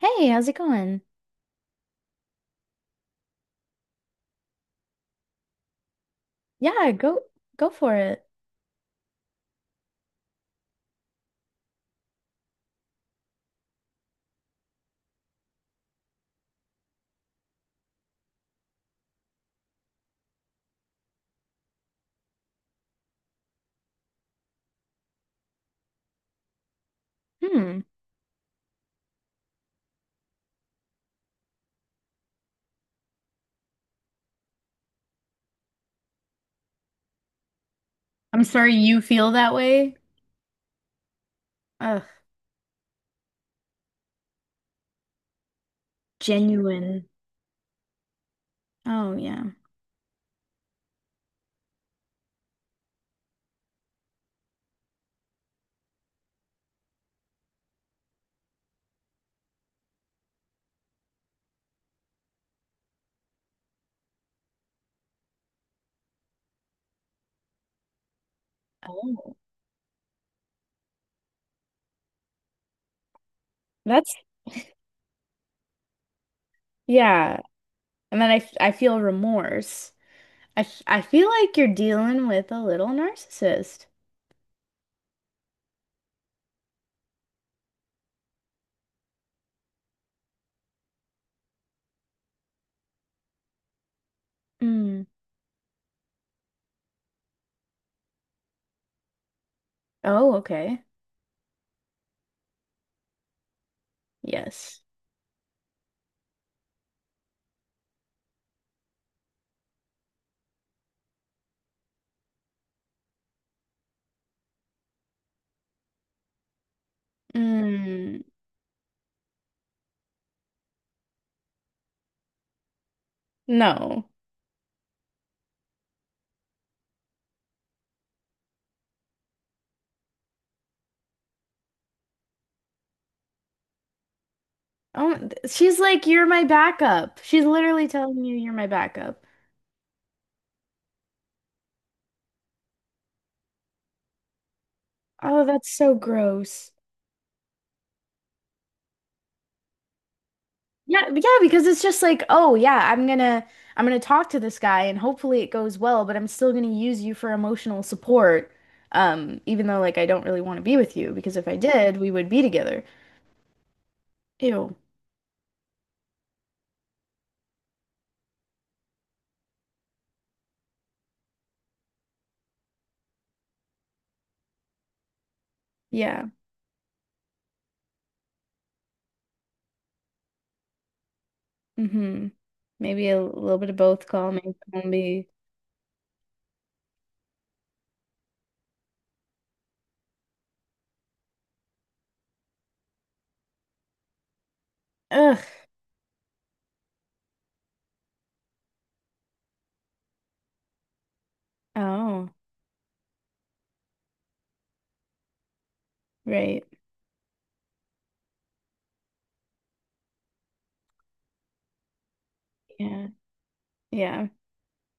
Hey, how's it going? Yeah, go for it. Hmm. I'm sorry you feel that way. Ugh. Genuine. Oh, yeah. Oh, that's, yeah. And then I feel remorse. I feel like you're dealing with a little narcissist. Mm. Oh, okay. Yes. Mm, no. Oh, she's like, you're my backup. She's literally telling you you're my backup. Oh, that's so gross. Yeah, yeah, because it's just like, oh yeah, I'm gonna talk to this guy and hopefully it goes well, but I'm still gonna use you for emotional support, even though like I don't really want to be with you because if I did, we would be together. Ew. Yeah. Mm-hmm. Maybe a little bit of both, call me zombie. Ugh. Oh, right. Yeah. Yeah.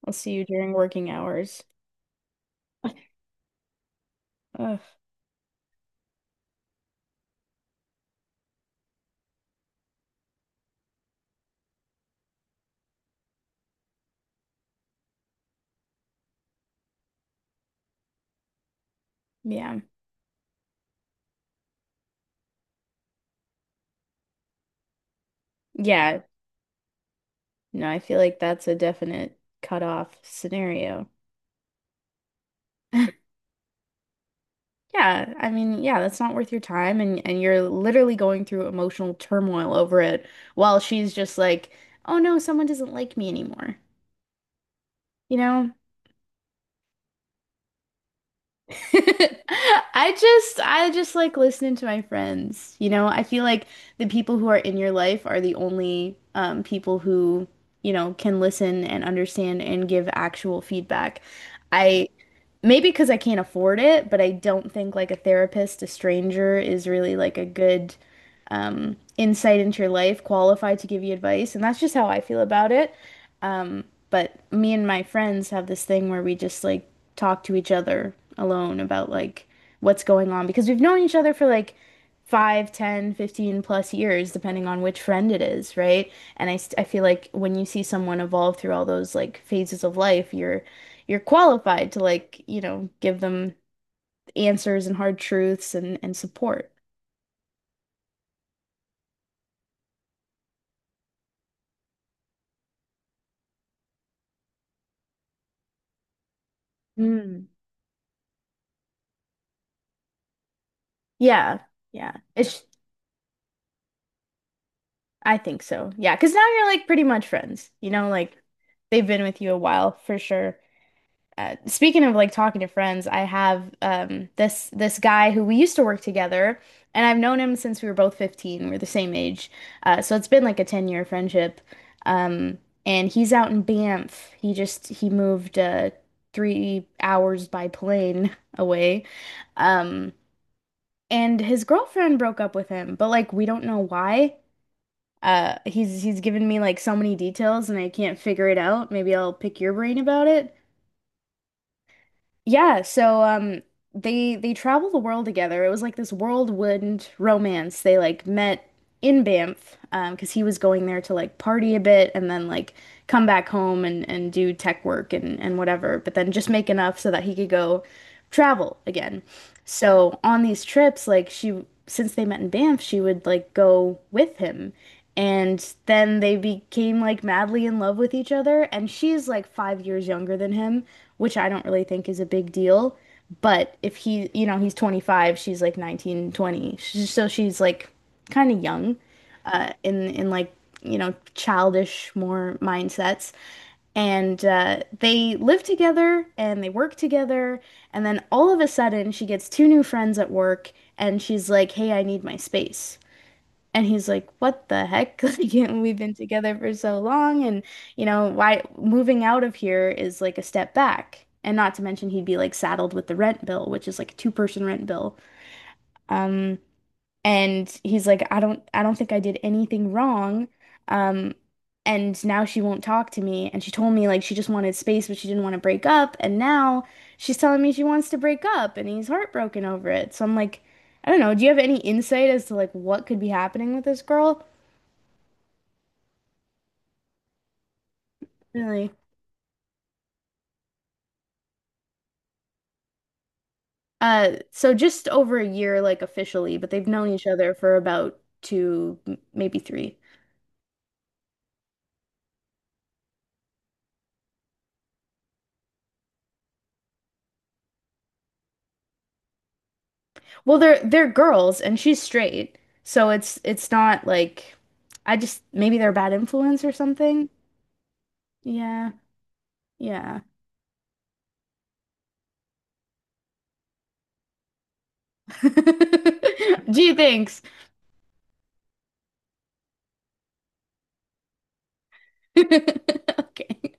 I'll see you during working hours. Ugh. Yeah. Yeah. No, I feel like that's a definite cutoff scenario. Yeah, I mean, yeah, that's not worth your time and you're literally going through emotional turmoil over it while she's just like, "Oh no, someone doesn't like me anymore." You know? I just like listening to my friends. You know, I feel like the people who are in your life are the only people who can listen and understand and give actual feedback. I Maybe because I can't afford it, but I don't think like a therapist, a stranger is really like a good insight into your life, qualified to give you advice. And that's just how I feel about it. Um, but me and my friends have this thing where we just like talk to each other alone about like what's going on because we've known each other for like five, ten, 15 plus years, depending on which friend it is, right? And I feel like when you see someone evolve through all those like phases of life, you're qualified to like, give them answers and hard truths and support. Hmm. Yeah. Yeah. It's I think so. Yeah, because now you're like pretty much friends. You know, like they've been with you a while for sure. Speaking of like talking to friends, I have this guy who we used to work together and I've known him since we were both 15. We're the same age. So it's been like a 10-year friendship. Um and he's out in Banff. He moved 3 hours by plane away. Um, and his girlfriend broke up with him, but like we don't know why. He's given me like so many details and I can't figure it out. Maybe I'll pick your brain about it. Yeah, so they travel the world together. It was like this whirlwind romance. They like met in Banff because he was going there to like party a bit and then like come back home and do tech work and whatever, but then just make enough so that he could go travel again. So on these trips, like she, since they met in Banff, she would like go with him. And then they became like madly in love with each other. And she's like 5 years younger than him, which I don't really think is a big deal. But if he, he's 25, she's like 19, 20. So she's like kind of young, in like, childish more mindsets. And they live together and they work together. And then all of a sudden, she gets two new friends at work and she's like, "Hey, I need my space." And he's like, "What the heck?" Like, we've been together for so long. And, why moving out of here is like a step back. And not to mention, he'd be like saddled with the rent bill, which is like a two-person rent bill. Um, and he's like, I don't think I did anything wrong." Um, and now she won't talk to me. And she told me like she just wanted space, but she didn't want to break up. And now she's telling me she wants to break up and he's heartbroken over it. So I'm like, I don't know, do you have any insight as to like what could be happening with this girl? Really? So just over a year, like officially, but they've known each other for about two, maybe three. Well, they're girls and she's straight. So it's not like I just maybe they're a bad influence or something. Yeah. Yeah. Gee, thanks. Okay.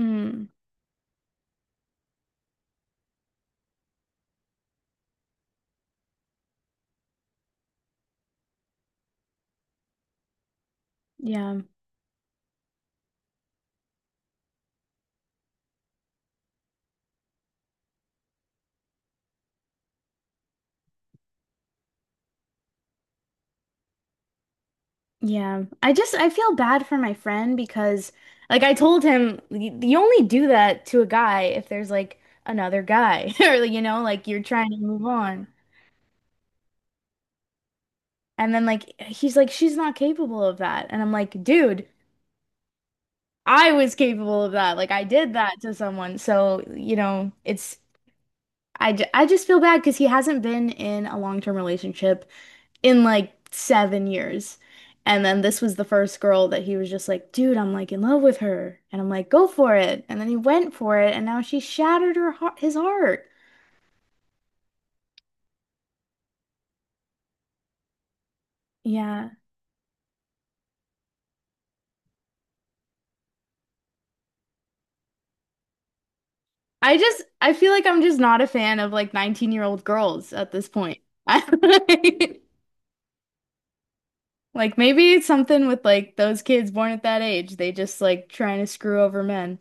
Mm, yeah. Yeah. I feel bad for my friend because like I told him you only do that to a guy if there's like another guy or like, like you're trying to move on. And then like he's like she's not capable of that. And I'm like, dude, I was capable of that. Like I did that to someone. So, I just feel bad because he hasn't been in a long-term relationship in like 7 years. And then this was the first girl that he was just like, dude, I'm like in love with her. And I'm like, go for it. And then he went for it, and now she shattered her heart, his heart. Yeah. I feel like I'm just not a fan of like 19-year-old girls at this point. Like maybe it's something with like those kids born at that age. They just like trying to screw over men.